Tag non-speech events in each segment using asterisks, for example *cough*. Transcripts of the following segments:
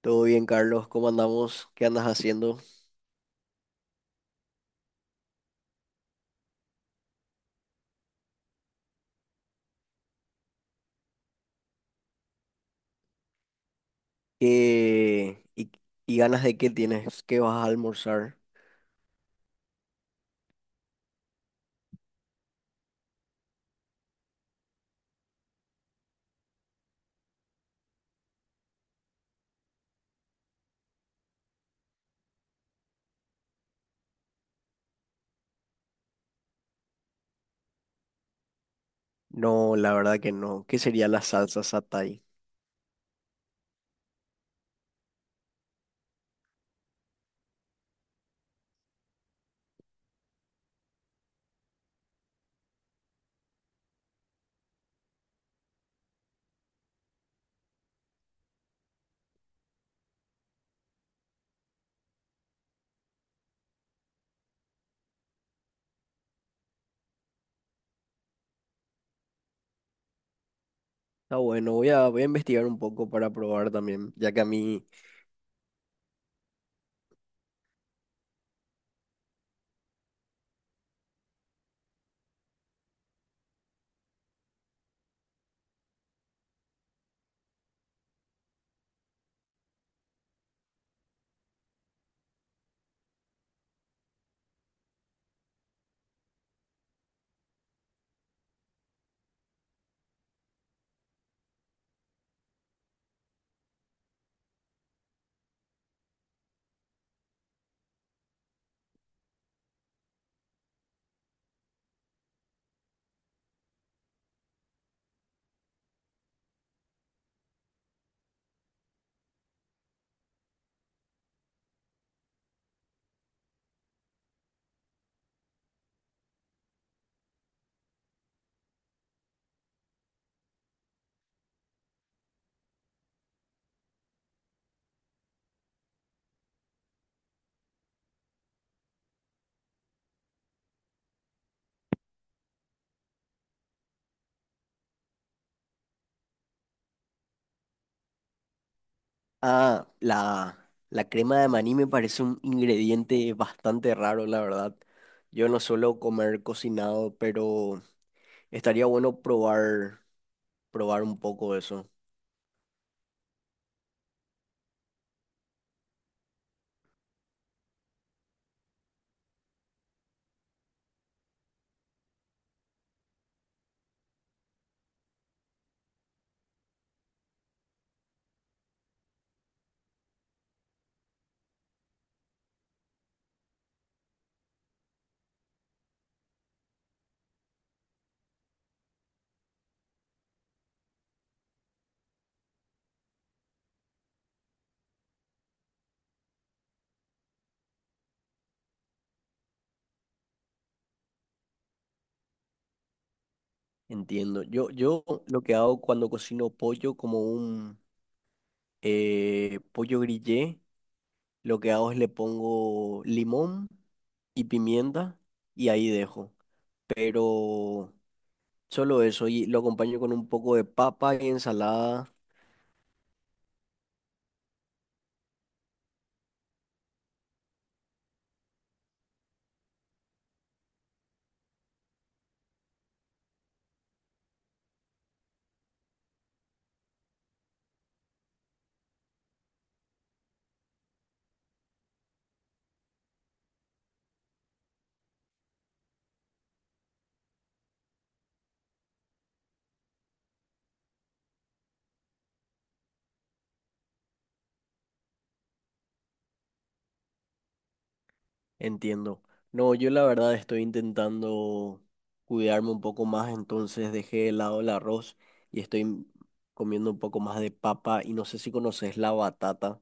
Todo bien, Carlos, ¿cómo andamos? ¿Qué andas haciendo? ¿Qué... ¿Y, y ganas de qué tienes? ¿Qué vas a almorzar? No, la verdad que no. ¿Qué sería la salsa satay? Está bueno, voy a investigar un poco para probar también, ya que a mí... Ah, la crema de maní me parece un ingrediente bastante raro, la verdad. Yo no suelo comer cocinado, pero estaría bueno probar, probar un poco eso. Entiendo. Yo lo que hago cuando cocino pollo como un pollo grillé, lo que hago es le pongo limón y pimienta y ahí dejo. Pero solo eso y lo acompaño con un poco de papa y ensalada, entiendo. No, yo la verdad estoy intentando cuidarme un poco más, entonces dejé de lado el arroz y estoy comiendo un poco más de papa y no sé si conoces la batata.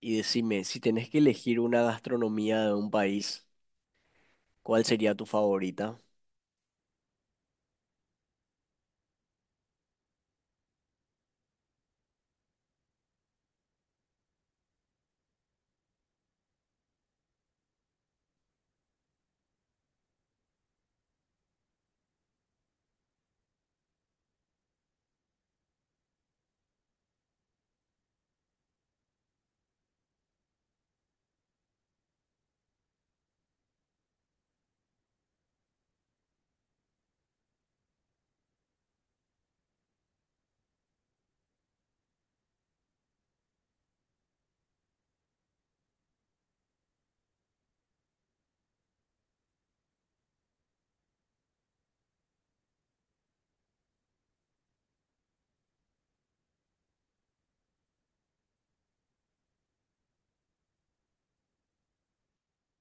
Y decime, si tenés que elegir una gastronomía de un país, ¿cuál sería tu favorita?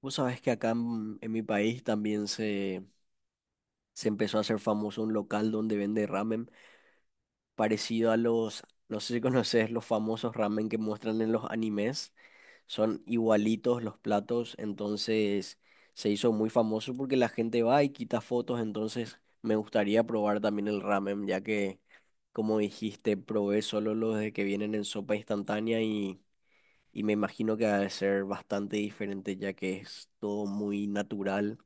Vos sabés que acá en mi país también se empezó a hacer famoso un local donde vende ramen parecido a los, no sé si *laughs* conoces los famosos ramen que muestran en los animes, son igualitos los platos, entonces se hizo muy famoso porque la gente va y quita fotos, entonces me gustaría probar también el ramen, ya que como dijiste, probé solo los de que vienen en sopa instantánea y me imagino que ha de ser bastante diferente ya que es todo muy natural.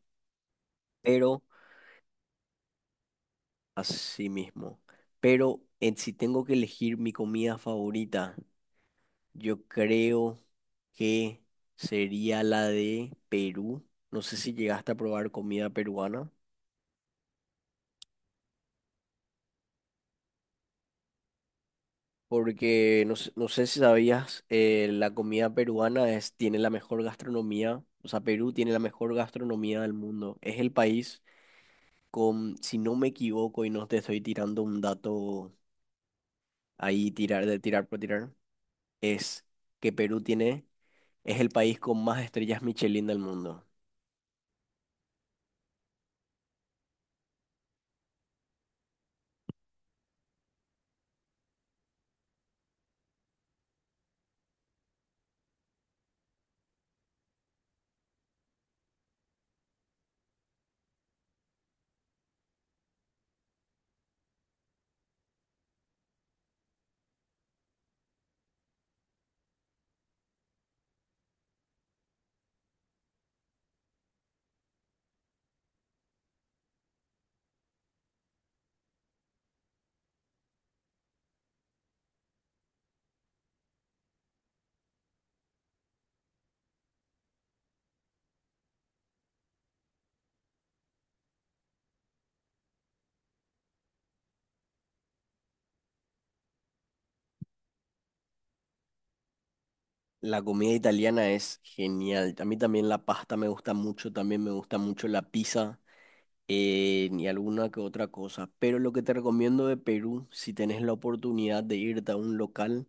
Pero, así mismo. Pero si tengo que elegir mi comida favorita, yo creo que sería la de Perú. No sé si llegaste a probar comida peruana, porque no sé si sabías, la comida peruana es, tiene la mejor gastronomía. O sea, Perú tiene la mejor gastronomía del mundo. Es el país con, si no me equivoco y no te estoy tirando un dato ahí, tirar de tirar por tirar, es que Perú tiene. Es el país con más estrellas Michelin del mundo. La comida italiana es genial. A mí también la pasta me gusta mucho, también me gusta mucho la pizza, y alguna que otra cosa. Pero lo que te recomiendo de Perú, si tenés la oportunidad de irte a un local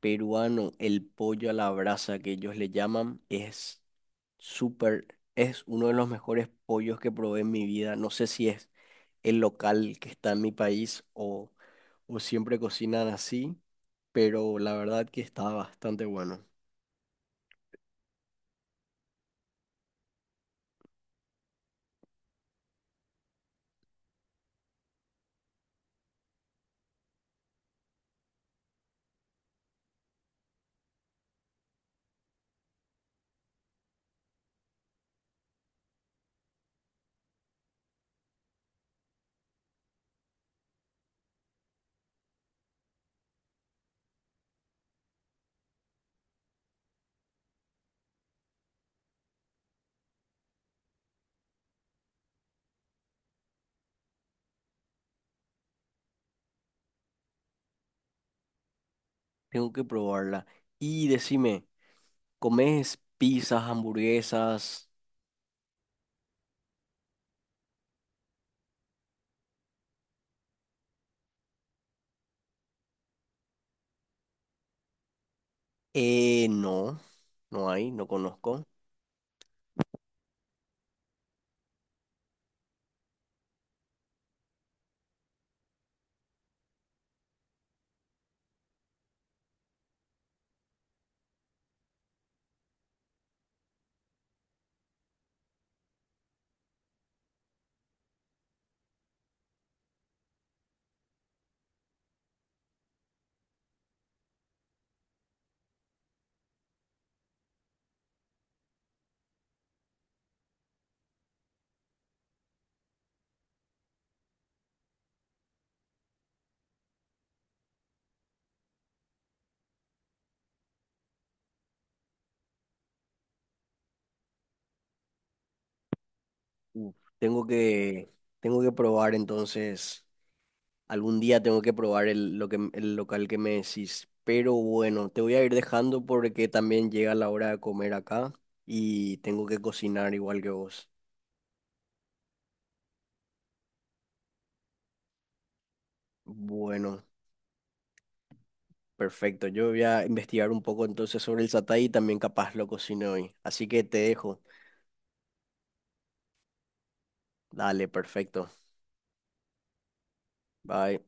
peruano, el pollo a la brasa que ellos le llaman, es súper, es uno de los mejores pollos que probé en mi vida. No sé si es el local que está en mi país o siempre cocinan así. Pero la verdad que está bastante bueno. Tengo que probarla. Y decime, ¿comes pizzas, hamburguesas? No, no hay, no conozco. Uf, tengo que probar entonces, algún día tengo que probar el local que me decís. Pero bueno, te voy a ir dejando porque también llega la hora de comer acá y tengo que cocinar igual que vos. Bueno. Perfecto, yo voy a investigar un poco entonces sobre el satay y también capaz lo cocino hoy. Así que te dejo. Dale, perfecto. Bye.